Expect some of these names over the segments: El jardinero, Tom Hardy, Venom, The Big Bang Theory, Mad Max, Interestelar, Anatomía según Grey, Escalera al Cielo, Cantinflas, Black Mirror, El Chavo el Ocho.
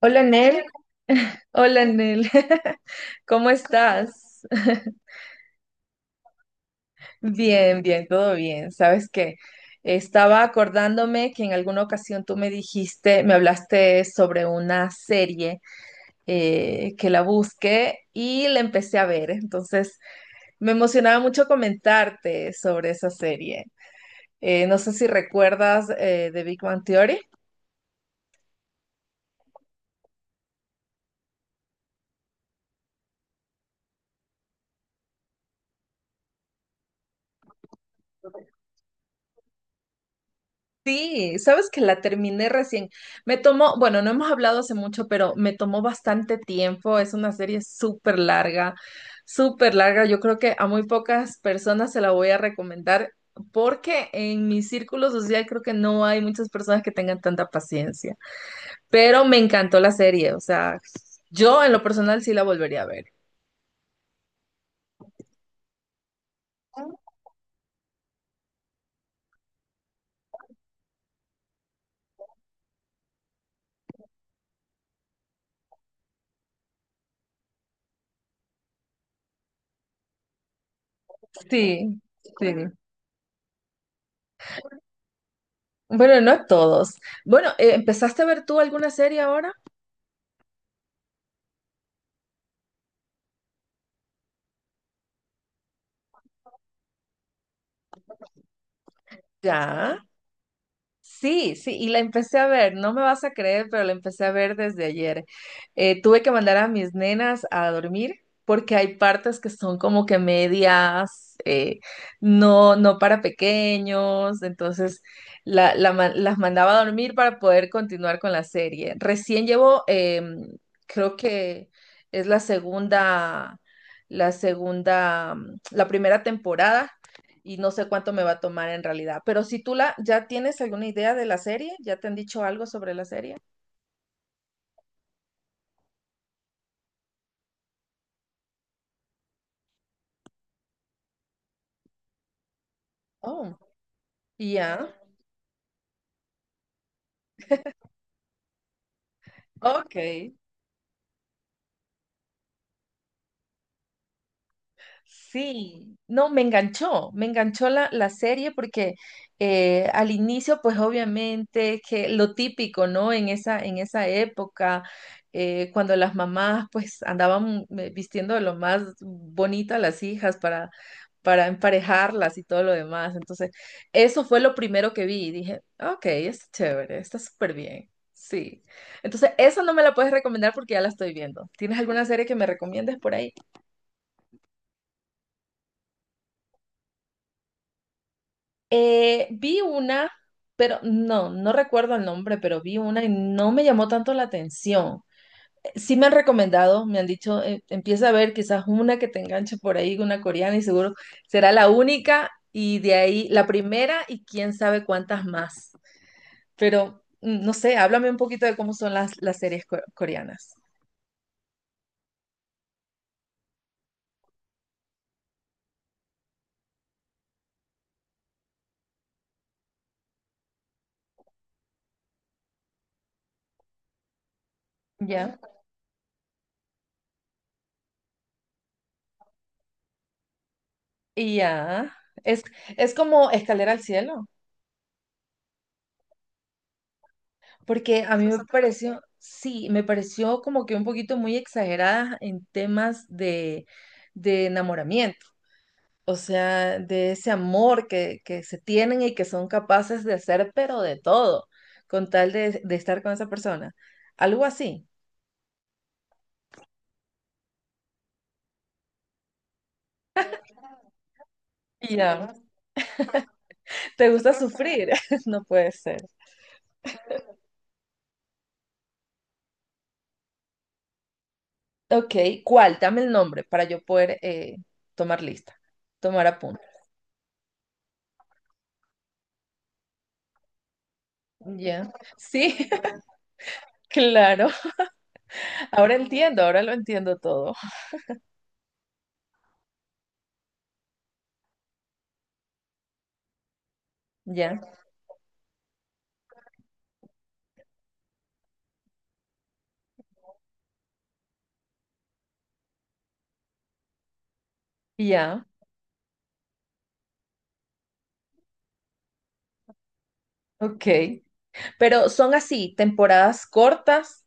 Hola Nel, hola Nel, ¿cómo estás? Bien, bien, todo bien. ¿Sabes qué? Estaba acordándome que en alguna ocasión tú me dijiste, me hablaste sobre una serie que la busqué y la empecé a ver. Entonces me emocionaba mucho comentarte sobre esa serie. No sé si recuerdas The Big Bang Theory. Sí, sabes que la terminé recién. Me tomó, bueno, no hemos hablado hace mucho, pero me tomó bastante tiempo. Es una serie súper larga, súper larga. Yo creo que a muy pocas personas se la voy a recomendar porque en mi círculo social creo que no hay muchas personas que tengan tanta paciencia. Pero me encantó la serie, o sea, yo en lo personal sí la volvería a ver. Sí, sí. Bueno, no todos. Bueno, ¿empezaste a ver tú alguna serie ahora? Ya. Sí, sí, y la empecé a ver, no me vas a creer, pero la empecé a ver desde ayer. Tuve que mandar a mis nenas a dormir porque hay partes que son como que medias, no, no para pequeños, entonces las mandaba a dormir para poder continuar con la serie. Recién llevo, creo que es la segunda, la segunda, la primera temporada y no sé cuánto me va a tomar en realidad. Pero si tú la, ya tienes alguna idea de la serie, ya te han dicho algo sobre la serie. Oh, ya. Ok. Sí, no, me enganchó la, la serie porque al inicio, pues obviamente que lo típico, ¿no? En esa época, cuando las mamás pues andaban vistiendo de lo más bonito a las hijas para emparejarlas y todo lo demás. Entonces, eso fue lo primero que vi y dije, ok, es chévere, está súper bien. Sí. Entonces, esa no me la puedes recomendar porque ya la estoy viendo. ¿Tienes alguna serie que me recomiendes por ahí? Vi una, pero no, no recuerdo el nombre, pero vi una y no me llamó tanto la atención. Sí me han recomendado, me han dicho, empieza a ver quizás una que te enganche por ahí, una coreana y seguro será la única y de ahí la primera y quién sabe cuántas más. Pero no sé, háblame un poquito de cómo son las coreanas. Ya. Y ya, es, es como Escalera al Cielo. Porque a Es mí me bastante fuerte. Pareció, sí, me pareció como que un poquito muy exagerada en temas de enamoramiento, o sea, de ese amor que se tienen y que son capaces de hacer, pero de todo, con tal de estar con esa persona. Algo así. Y ya. ¿Te gusta sufrir? No puede ser. Ok, ¿cuál? Dame el nombre para yo poder tomar lista, tomar apunte. Ya. Sí, claro. Ahora entiendo, ahora lo entiendo todo. Ya. Ya, ok. Pero ¿son así temporadas cortas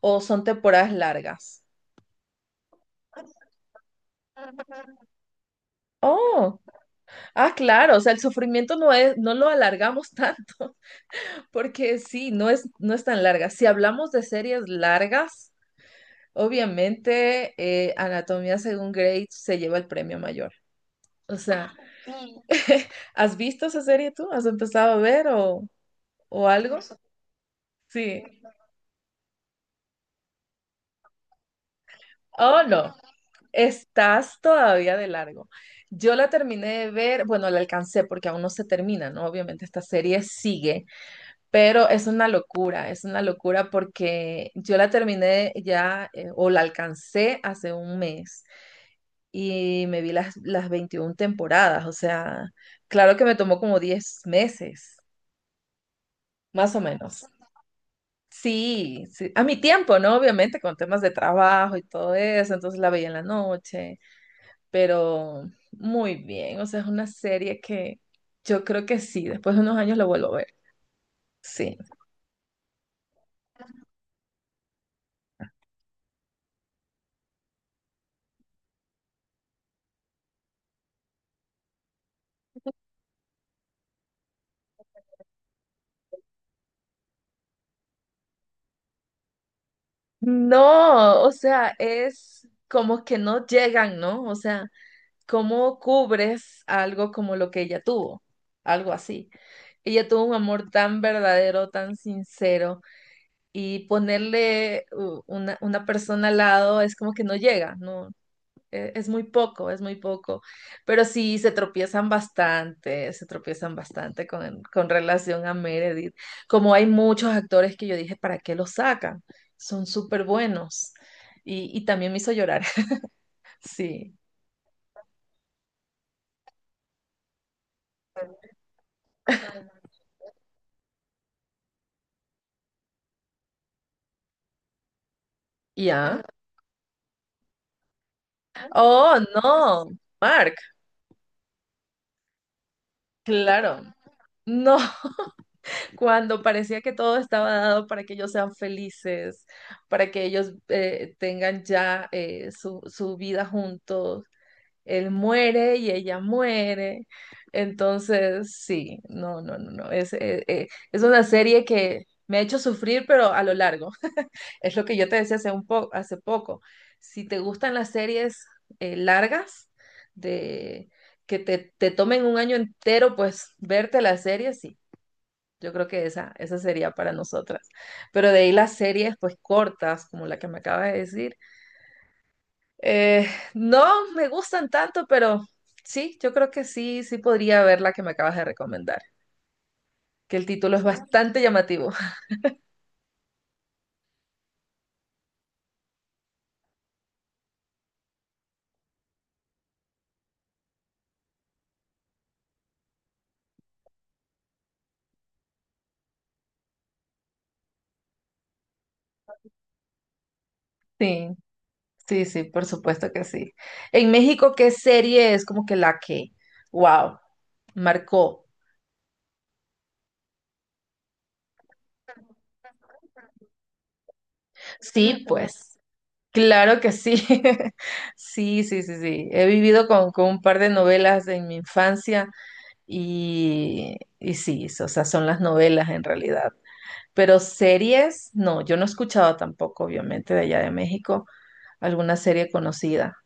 o son temporadas largas? Oh, ah, claro, o sea, el sufrimiento no es, no lo alargamos tanto, porque sí, no es, no es tan larga. Si hablamos de series largas, obviamente Anatomía según Grey se lleva el premio mayor. O sea, ¿has visto esa serie tú? ¿Has empezado a ver o algo? Sí. Oh, no. Estás todavía de largo. Yo la terminé de ver, bueno, la alcancé porque aún no se termina, ¿no? Obviamente esta serie sigue, pero es una locura porque yo la terminé ya o la alcancé hace un mes y me vi las 21 temporadas, o sea, claro que me tomó como 10 meses, más o menos. Sí, sí, a mi tiempo, ¿no? Obviamente con temas de trabajo y todo eso, entonces la veía en la noche pero muy bien. O sea, es una serie que yo creo que sí, después de unos años la vuelvo a ver. Sí. No, o sea, es como que no llegan, ¿no? O sea, ¿cómo cubres algo como lo que ella tuvo? Algo así. Ella tuvo un amor tan verdadero, tan sincero, y ponerle una persona al lado es como que no llega, no, e- es muy poco, es muy poco, pero sí se tropiezan bastante con relación a Meredith. Como hay muchos actores que yo dije, ¿para qué los sacan? Son súper buenos. Y también me hizo llorar, sí. ¿Ya? Oh, no, Mark, claro. No, cuando parecía que todo estaba dado para que ellos sean felices, para que ellos tengan ya su, su vida juntos él muere y ella muere. Entonces, sí, no, no, no, no. Es una serie que me ha hecho sufrir, pero a lo largo. Es lo que yo te decía hace poco. Si te gustan las series largas, de que te tomen un año entero, pues verte la serie, sí. Yo creo que esa sería para nosotras. Pero de ahí las series, pues cortas, como la que me acabas de decir eh, no me gustan tanto, pero sí, yo creo que sí, sí podría ver la que me acabas de recomendar, que el título es bastante llamativo. Sí, sí, sí, por supuesto que sí. En México, ¿qué serie es como que la que, wow, marcó? Sí, pues, claro que sí. Sí, sí, sí, sí. He vivido con un par de novelas en mi infancia y sí, o sea, son las novelas en realidad. Pero series, no, yo no he escuchado tampoco, obviamente, de allá de México, alguna serie conocida.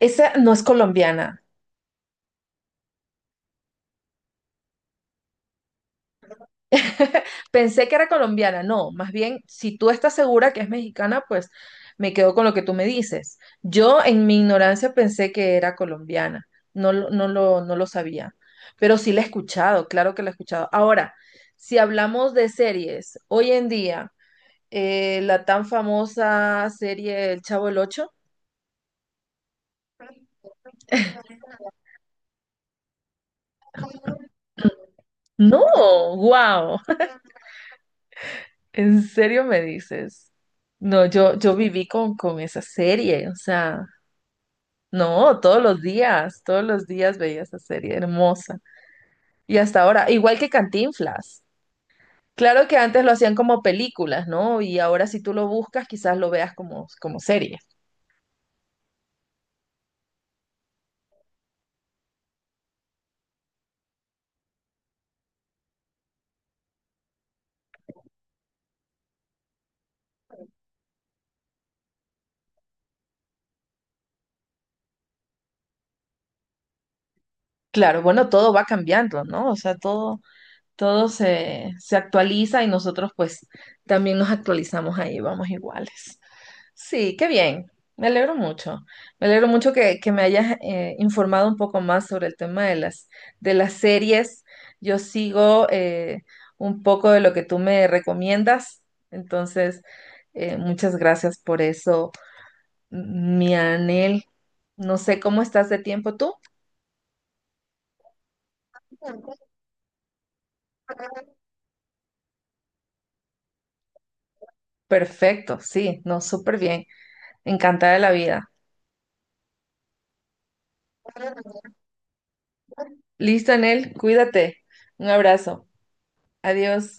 Esa no es colombiana. Pensé que era colombiana, no, más bien, si tú estás segura que es mexicana, pues me quedo con lo que tú me dices. Yo en mi ignorancia pensé que era colombiana, no, no lo, no lo sabía, pero sí la he escuchado, claro que la he escuchado. Ahora, si hablamos de series, hoy en día, la tan famosa serie El Chavo el Ocho. No, wow, ¿en serio me dices? No, yo viví con esa serie, o sea, no, todos los días veía esa serie hermosa. Y hasta ahora, igual que Cantinflas. Claro que antes lo hacían como películas, ¿no? Y ahora si tú lo buscas, quizás lo veas como, como serie. Claro, bueno, todo va cambiando, ¿no? O sea, todo, todo se, se actualiza y nosotros pues también nos actualizamos ahí, vamos iguales. Sí, qué bien. Me alegro mucho. Me alegro mucho que me hayas informado un poco más sobre el tema de las series. Yo sigo un poco de lo que tú me recomiendas. Entonces, muchas gracias por eso, mi Anel. No sé cómo estás de tiempo tú. Perfecto, sí, no, súper bien. Encantada de la vida. Listo, Anel, cuídate. Un abrazo. Adiós.